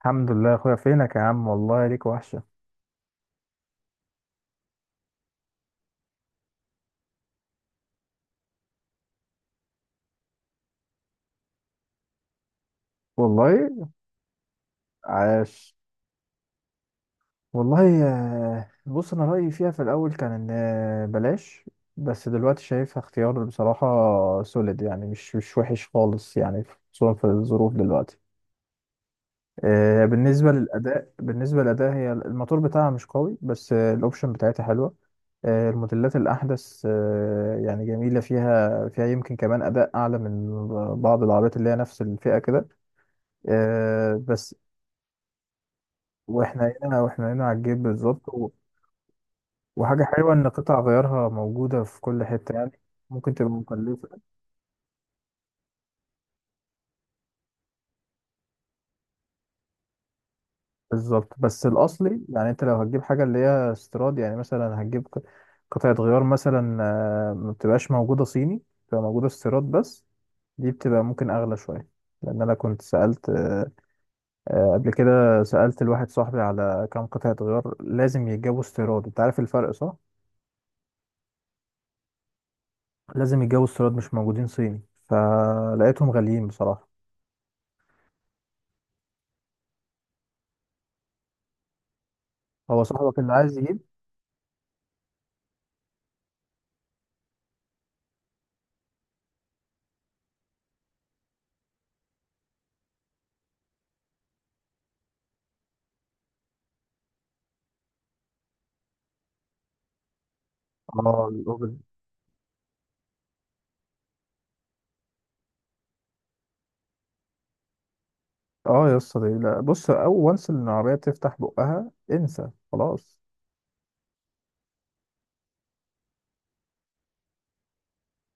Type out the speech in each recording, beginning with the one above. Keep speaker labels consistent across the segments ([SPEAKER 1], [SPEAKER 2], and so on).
[SPEAKER 1] الحمد لله يا اخويا. فينك يا عم، والله ليك وحشة. والله. عاش. والله، بص انا رأيي فيها في الاول كان ان بلاش. بس دلوقتي شايفها اختيار بصراحة سوليد، يعني مش وحش خالص يعني، خصوصا في الظروف دلوقتي. بالنسبة للأداء هي الموتور بتاعها مش قوي، بس الأوبشن بتاعتها حلوة. الموديلات الأحدث يعني جميلة، فيها يمكن كمان أداء أعلى من بعض العربيات اللي هي نفس الفئة كده. بس واحنا هنا على الجيب بالظبط، وحاجة حلوة ان قطع غيارها موجودة في كل حتة يعني. ممكن تبقى مكلفة. بالظبط، بس الاصلي يعني انت لو هتجيب حاجة اللي هي استيراد، يعني مثلا هتجيب قطعة غيار مثلا، ما بتبقاش موجودة صيني، بتبقى موجودة استيراد بس. دي بتبقى ممكن اغلى شوية، لان انا كنت سألت قبل كده. سألت الواحد صاحبي على كام قطعة غيار لازم يتجابوا استيراد. انت عارف الفرق صح؟ لازم يتجابوا استيراد، مش موجودين صيني، فلقيتهم غاليين بصراحة. هو صاحبك اللي عايز يجيب؟ اه، الأوبن. اه يا اسطى، لا بص، أول وانس إن العربية تفتح بقها انسى خلاص.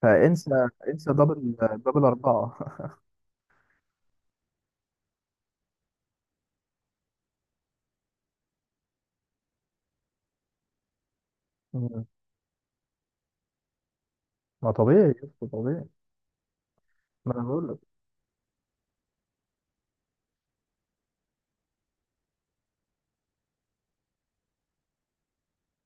[SPEAKER 1] فانسى، انسى دبل دبل أربعة. مم. ما طبيعي يا اسطى، طبيعي. ما أنا بقول لك.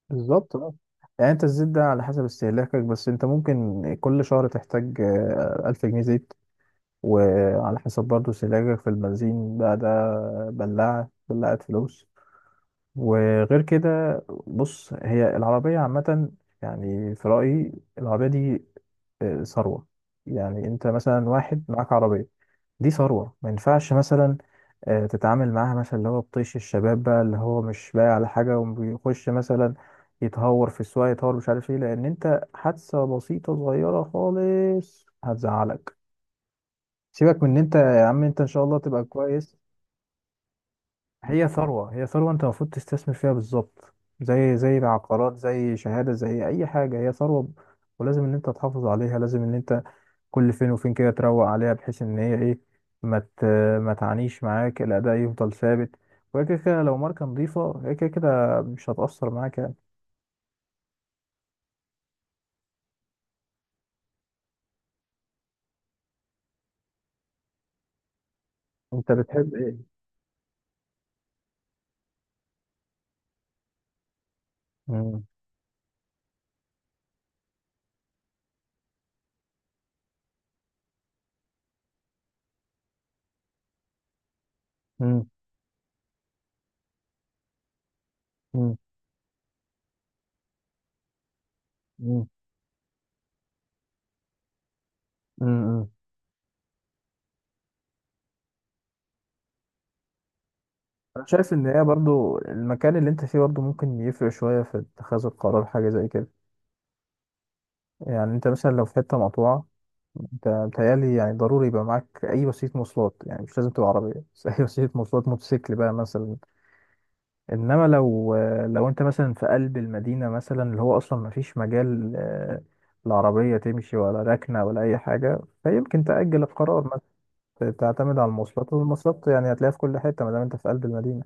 [SPEAKER 1] بالظبط اه. يعني أنت الزيت ده على حسب استهلاكك، بس أنت ممكن كل شهر تحتاج 1000 جنيه زيت، وعلى حسب برضه استهلاكك في البنزين بقى ده. بلاعة بلاعة فلوس. وغير كده، بص هي العربية عامة، يعني في رأيي العربية دي ثروة. يعني انت مثلا واحد معاك عربية، دي ثروة، ما ينفعش مثلا تتعامل معاها مثلا اللي هو بطيش الشباب بقى، اللي هو مش بايع على حاجة وبيخش مثلا يتهور في السواقة، يتهور مش عارف ايه، لأن انت حادثة بسيطة صغيرة خالص هتزعلك. سيبك من ان انت يا عم، انت ان شاء الله تبقى كويس. هي ثروة، هي ثروة، انت المفروض تستثمر فيها بالظبط، زي العقارات، زي شهادة، زي اي حاجة. هي ثروة، ولازم ان انت تحافظ عليها. لازم ان انت كل فين وفين كده تروق عليها، بحيث ان هي ايه، ما ت- ما تعانيش معاك، الاداء يفضل ثابت. وهي كده كده لو ماركة نظيفة، هي كده كده مش هتأثر معاك يعني. انت بتحب ايه؟ مم. مم. مم. مم. مم. انا شايف ان هي برضو المكان اللي انت فيه برضو ممكن يفرق شوية في اتخاذ القرار حاجة زي كده. يعني انت مثلا لو في حتة مقطوعة، انت بتهيألي يعني ضروري يبقى معاك اي وسيله مواصلات، يعني مش لازم تبقى عربيه، بس اي وسيله مواصلات، موتوسيكل بقى مثلا. انما لو، لو انت مثلا في قلب المدينه مثلا، اللي هو اصلا ما فيش مجال العربيه تمشي ولا ركنه ولا اي حاجه، فيمكن تأجل القرار مثلا. تعتمد على المواصلات، والمواصلات يعني هتلاقيها في كل حته ما دام انت في قلب المدينه.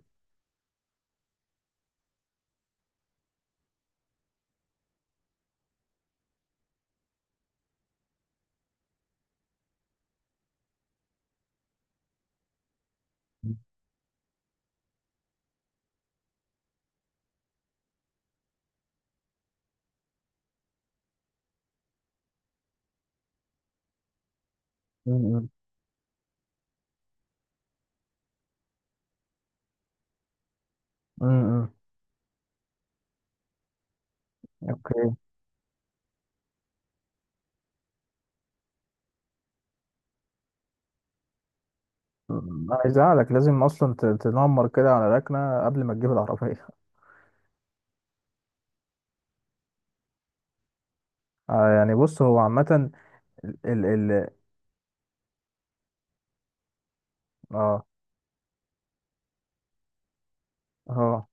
[SPEAKER 1] مم. امم. اوكي. أمم، انا هيزعلك لازم اصلا تنمر كده على ركنه قبل ما تجيب العربيه. يعني بص هو عامه. اه اه.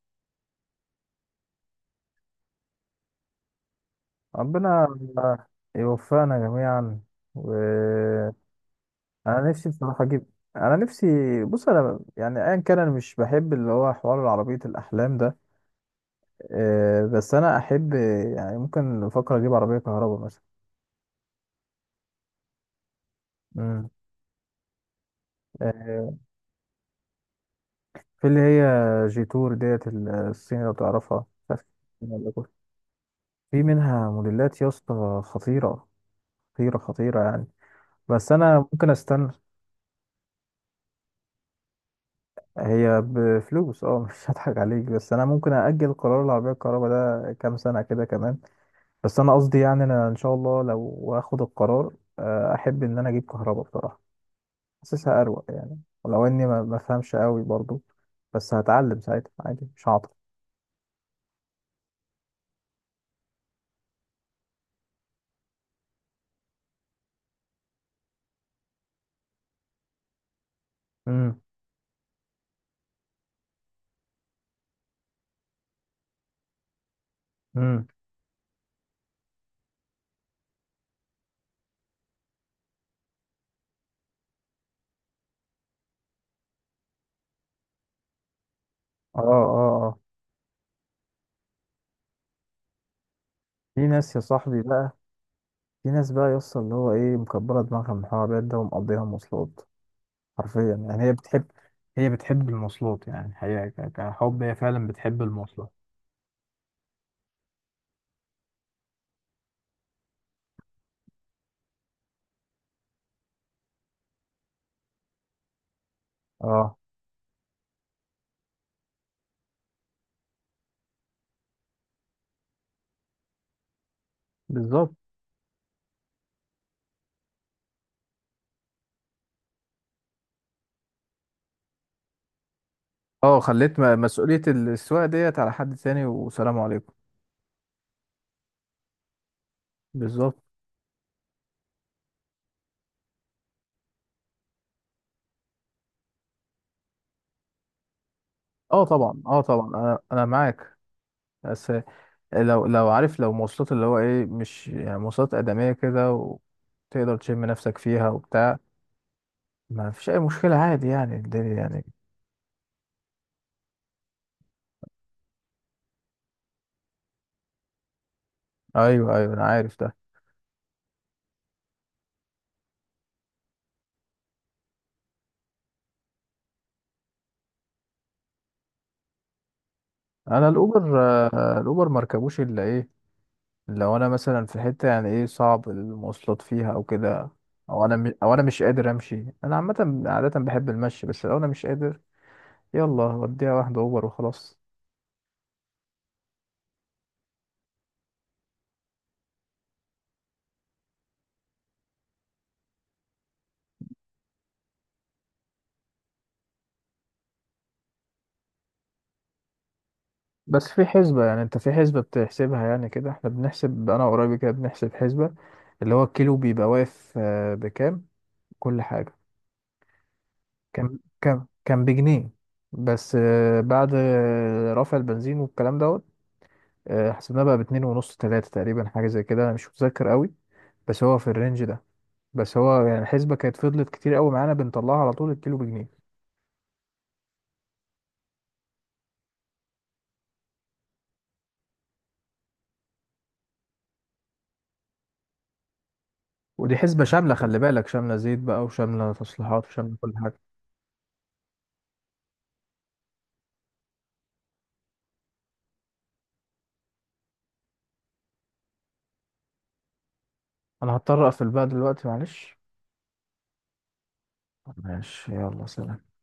[SPEAKER 1] ربنا يوفقنا جميعا. وانا نفسي بصراحه اجيب. انا نفسي، بص انا يعني ايا كان انا مش بحب اللي هو حوار عربيه الاحلام ده، بس انا احب يعني ممكن افكر اجيب عربيه كهرباء مثلا. امم. آه، في اللي هي جيتور ديت، الصيني لو تعرفها، مش عارف اسمها ولا كوري. في منها موديلات يا اسطى خطيره، خطيره خطيره يعني. بس انا ممكن استنى. هي بفلوس اه، مش هضحك عليك، بس انا ممكن اجل قرار العربيه الكهرباء ده كام سنه كده كمان. بس انا قصدي يعني انا ان شاء الله لو اخد القرار، احب ان انا اجيب كهرباء بصراحه. حاسسها اروق يعني، ولو اني ما بفهمش قوي برضو، بس هتعلم ساعتها عادي، مش هعطل. امم. امم. اه اه اه. في ناس يا صاحبي بقى، في ناس بقى يوصل اللي هو ايه، مكبره دماغها من الحوارات ده ومقضيها مواصلات حرفيا. يعني هي بتحب، هي بتحب المواصلات، يعني هي كحب، هي فعلا بتحب المواصلات. اه بالظبط. اه، خليت مسؤولية السواقة ديت على حد تاني والسلام عليكم. بالظبط. اه طبعا، اه طبعا، انا معاك. بس، لو عارف، لو مواصلات اللي هو ايه، مش يعني مواصلات آدمية كده، وتقدر تشم نفسك فيها وبتاع، ما فيش اي مشكلة، عادي يعني الدنيا يعني. ايوه، ايوه، انا عارف ده. انا الاوبر، الاوبر مركبوش الا ايه، لو انا مثلا في حته يعني ايه صعب المواصلات فيها او كده، او انا مش قادر امشي. انا عامه عاده بحب المشي، بس لو انا مش قادر يلا وديها واحده اوبر وخلاص. بس في حسبه، يعني انت في حسبه بتحسبها. يعني كده احنا بنحسب، انا وقرايبي كده بنحسب حسبه، اللي هو الكيلو بيبقى واقف بكام، كل حاجه. كام كام كام بجنيه. بس بعد رفع البنزين والكلام دوت، حسبناه بقى بـ 2.5، 3 تقريبا، حاجه زي كده، انا مش متذكر قوي، بس هو في الرينج ده. بس هو يعني الحسبة كانت فضلت كتير قوي معانا بنطلعها على طول، الكيلو بجنيه. ودي حسبة شاملة، خلي بالك، شاملة زيت بقى، وشاملة تصليحات، وشاملة كل حاجة. أنا هضطر أقفل بقى دلوقتي، معلش. ماشي، يلا سلام.